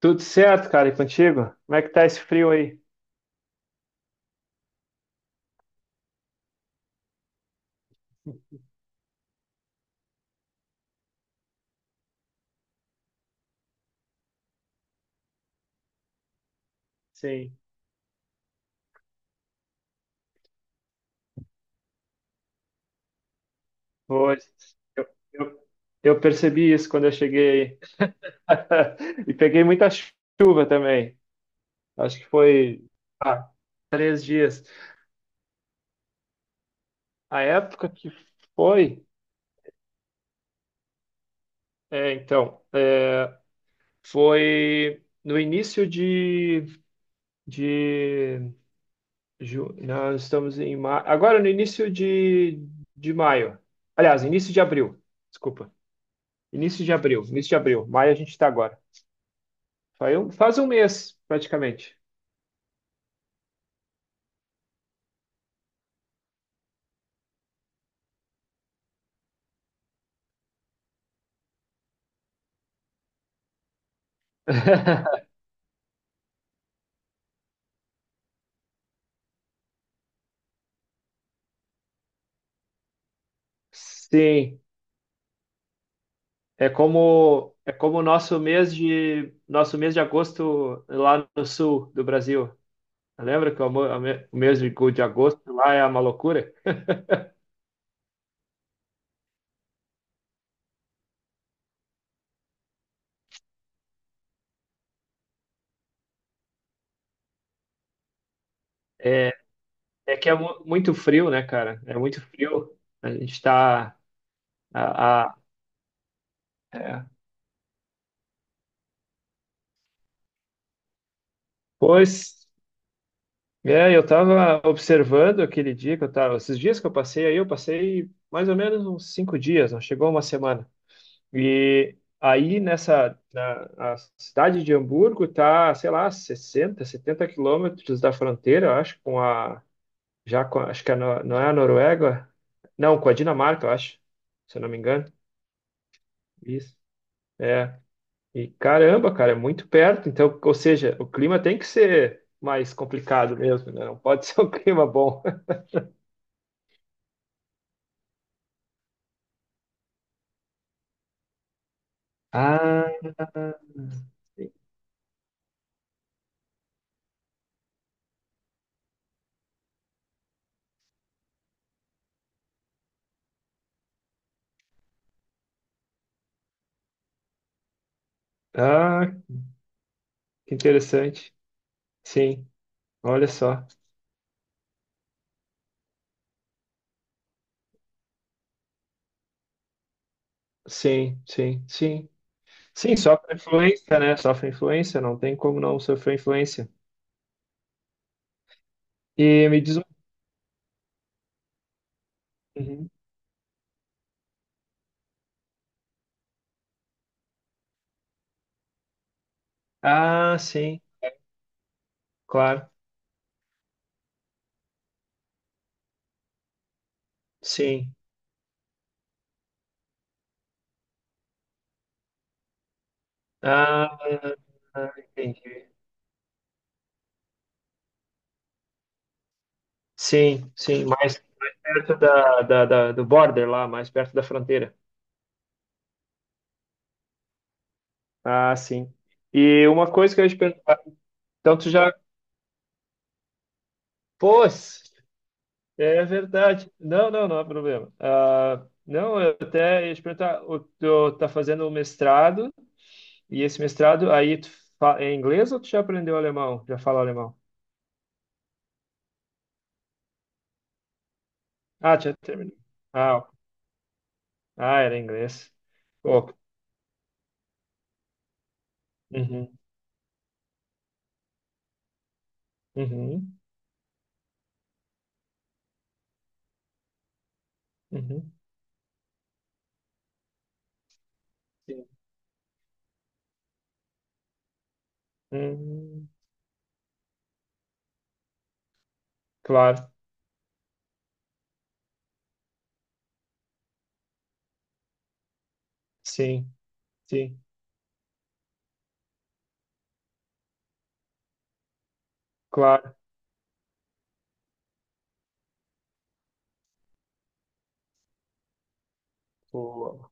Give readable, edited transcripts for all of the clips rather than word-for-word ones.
Tudo certo, cara, e contigo? Como é que tá esse frio aí? Sim. Hoje. Eu, eu, eu percebi isso quando eu cheguei aí. E peguei muita chuva também. Acho que foi, ah, três dias. A época que foi, é, então, é, foi no início de ju- nós estamos em maio, agora no início de maio. Aliás, início de abril, desculpa. Início de abril, início de abril. Maio a gente está agora. Faz um mês, praticamente. Sim, é como o nosso mês de agosto lá no sul do Brasil. Lembra que o mo- o mês de agosto lá é uma loucura? É, é que é mu- muito frio, né, cara? É muito frio. A gente tá. A- é. Pois. É, eu estava observando aquele dia que eu tava, esses dias que eu passei aí, eu passei mais ou menos uns cinco dias, não chegou uma semana. E aí a cidade de Hamburgo tá, sei lá, 60, 70 quilômetros da fronteira, eu acho, com a, já com, a- acho que no- não é a Noruega, não, com a Dinamarca, eu acho, se eu não me engano. Isso. É, e caramba, cara, é muito perto, então, ou seja, o clima tem que ser mais complicado mesmo, né? Não pode ser um clima bom. Ah, ah, que interessante. Sim, olha só. Sim, sim, sim. Sim, sofre influência, né? Sofre influência, não tem como não sofrer influência. E me diz um. Uhum. Ah, sim, claro. Sim. Ah, ah, entendi. Sim, sim, mais perto do border lá, mais perto da fronteira. Ah, sim. E uma coisa que eu ia te perguntar, então tu já, pô, é verdade. Não, não, não há problema. Ah, não, eu até ia te perguntar, o- tu tá fazendo o mestrado, e esse mestrado aí tu fa- é inglês ou tu já aprendeu alemão? Já fala alemão? Ah, já terminou. Ah, ok. Ah, era inglês. Pô, uhum, uhum, uhum. Sim. Hum, claro, sim, sim, claro. Pô,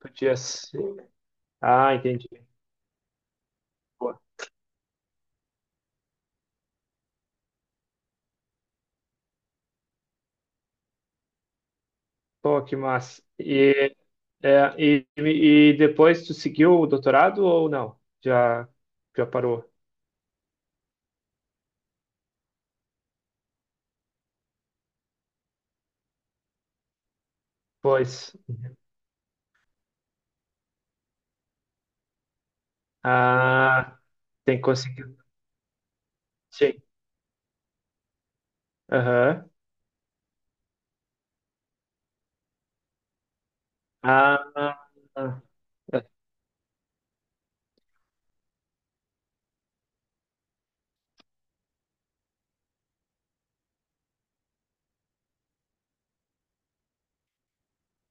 podia ser. Ah, entendi. Pô, pô, que massa. É, e depois tu seguiu o doutorado ou não? Já, já parou? Pois. Ah, tem que conseguir. Sim. Aham. Ah, ah,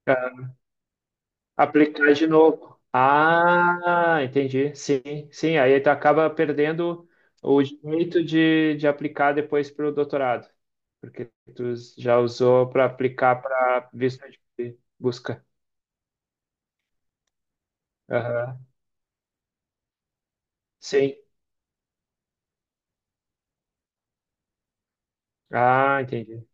ah. Aplicar de novo. Ah, entendi. Sim, sim. Aí tu acaba perdendo o direito de aplicar depois para o doutorado, porque tu já usou para aplicar para visto de busca. Aham. Sim. Ah, entendi.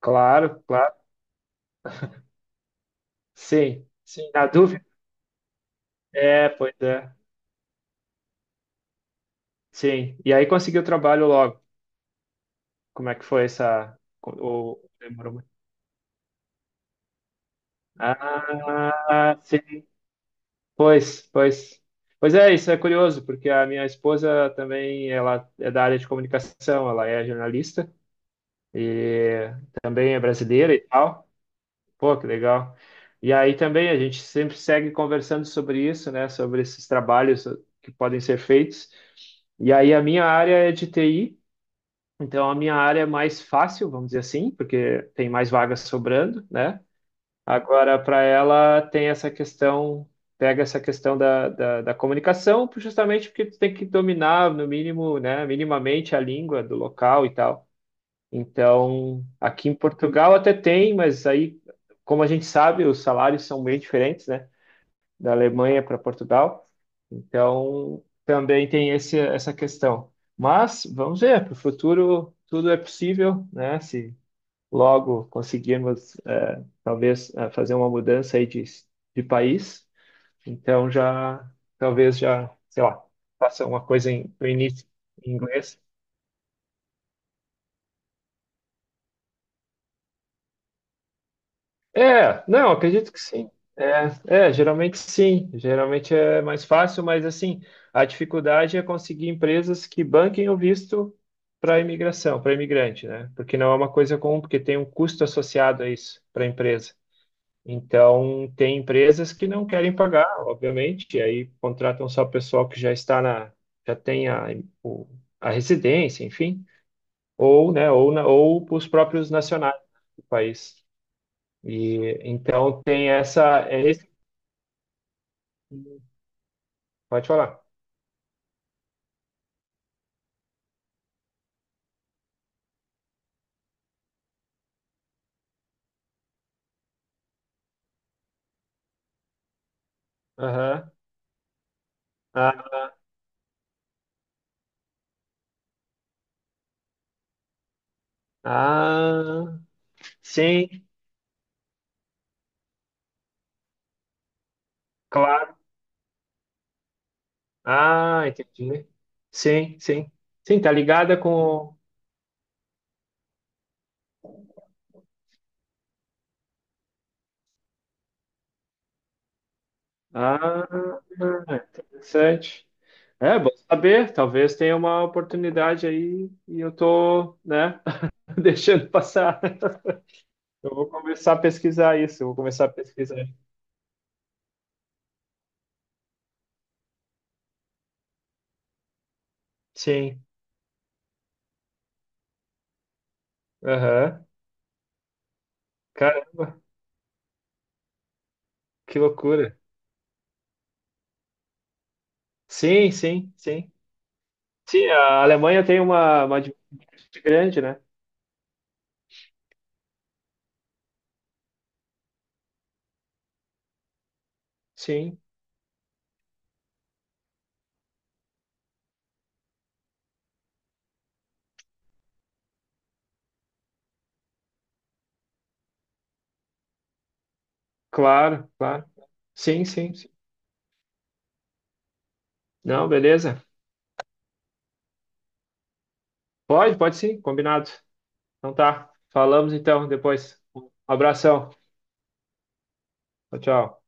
Claro, claro. Sim, sim, na dúvida. É, pois é. Sim. E aí conseguiu trabalho logo. Como é que foi essa. Ou demorou muito? Ah, sim. Pois, pois. Pois é, isso é curioso, porque a minha esposa também, ela é da área de comunicação, ela é jornalista e também é brasileira e tal. Pô, que legal. E aí também a gente sempre segue conversando sobre isso, né, sobre esses trabalhos que podem ser feitos. E aí a minha área é de TI. Então, a minha área é mais fácil, vamos dizer assim, porque tem mais vagas sobrando, né? Agora, para ela, tem essa questão, pega essa questão da comunicação, por- justamente porque tu tem que dominar, no mínimo, né, minimamente a língua do local e tal. Então, aqui em Portugal até tem, mas aí, como a gente sabe, os salários são bem diferentes, né? Da Alemanha para Portugal. Então, também tem esse, essa questão. Mas vamos ver, para o futuro tudo é possível, né? Se logo conseguirmos, talvez, fazer uma mudança aí de país, então já, talvez já, sei lá, faça uma coisa em, no início em inglês. É, não, acredito que sim. É, é, geralmente sim. Geralmente é mais fácil, mas assim, a dificuldade é conseguir empresas que banquem o visto para imigração, para imigrante, né? Porque não é uma coisa comum, porque tem um custo associado a isso para a empresa. Então, tem empresas que não querem pagar, obviamente, e aí contratam só o pessoal que já está já tem o- a residência, enfim, ou, né, ou os próprios nacionais do país. E então tem essa. É esse- pode falar. Aham. Ah, ah, sim, claro. Ah, entendi. Sim, sim. Sim, tá ligada com. Ah, interessante. É, bom saber. Talvez tenha uma oportunidade aí e eu tô, né, deixando passar. Eu vou começar a pesquisar isso. Eu vou começar a pesquisar. Sim. Aham. Caramba, que loucura. Sim, sim, sim. Sim, a Alemanha tem uma diversidade grande, né? Sim, claro, claro. Sim, sim, sim. Não, beleza. Pode, pode sim, combinado. Então tá. Falamos então depois. Um abração. Tchau, tchau.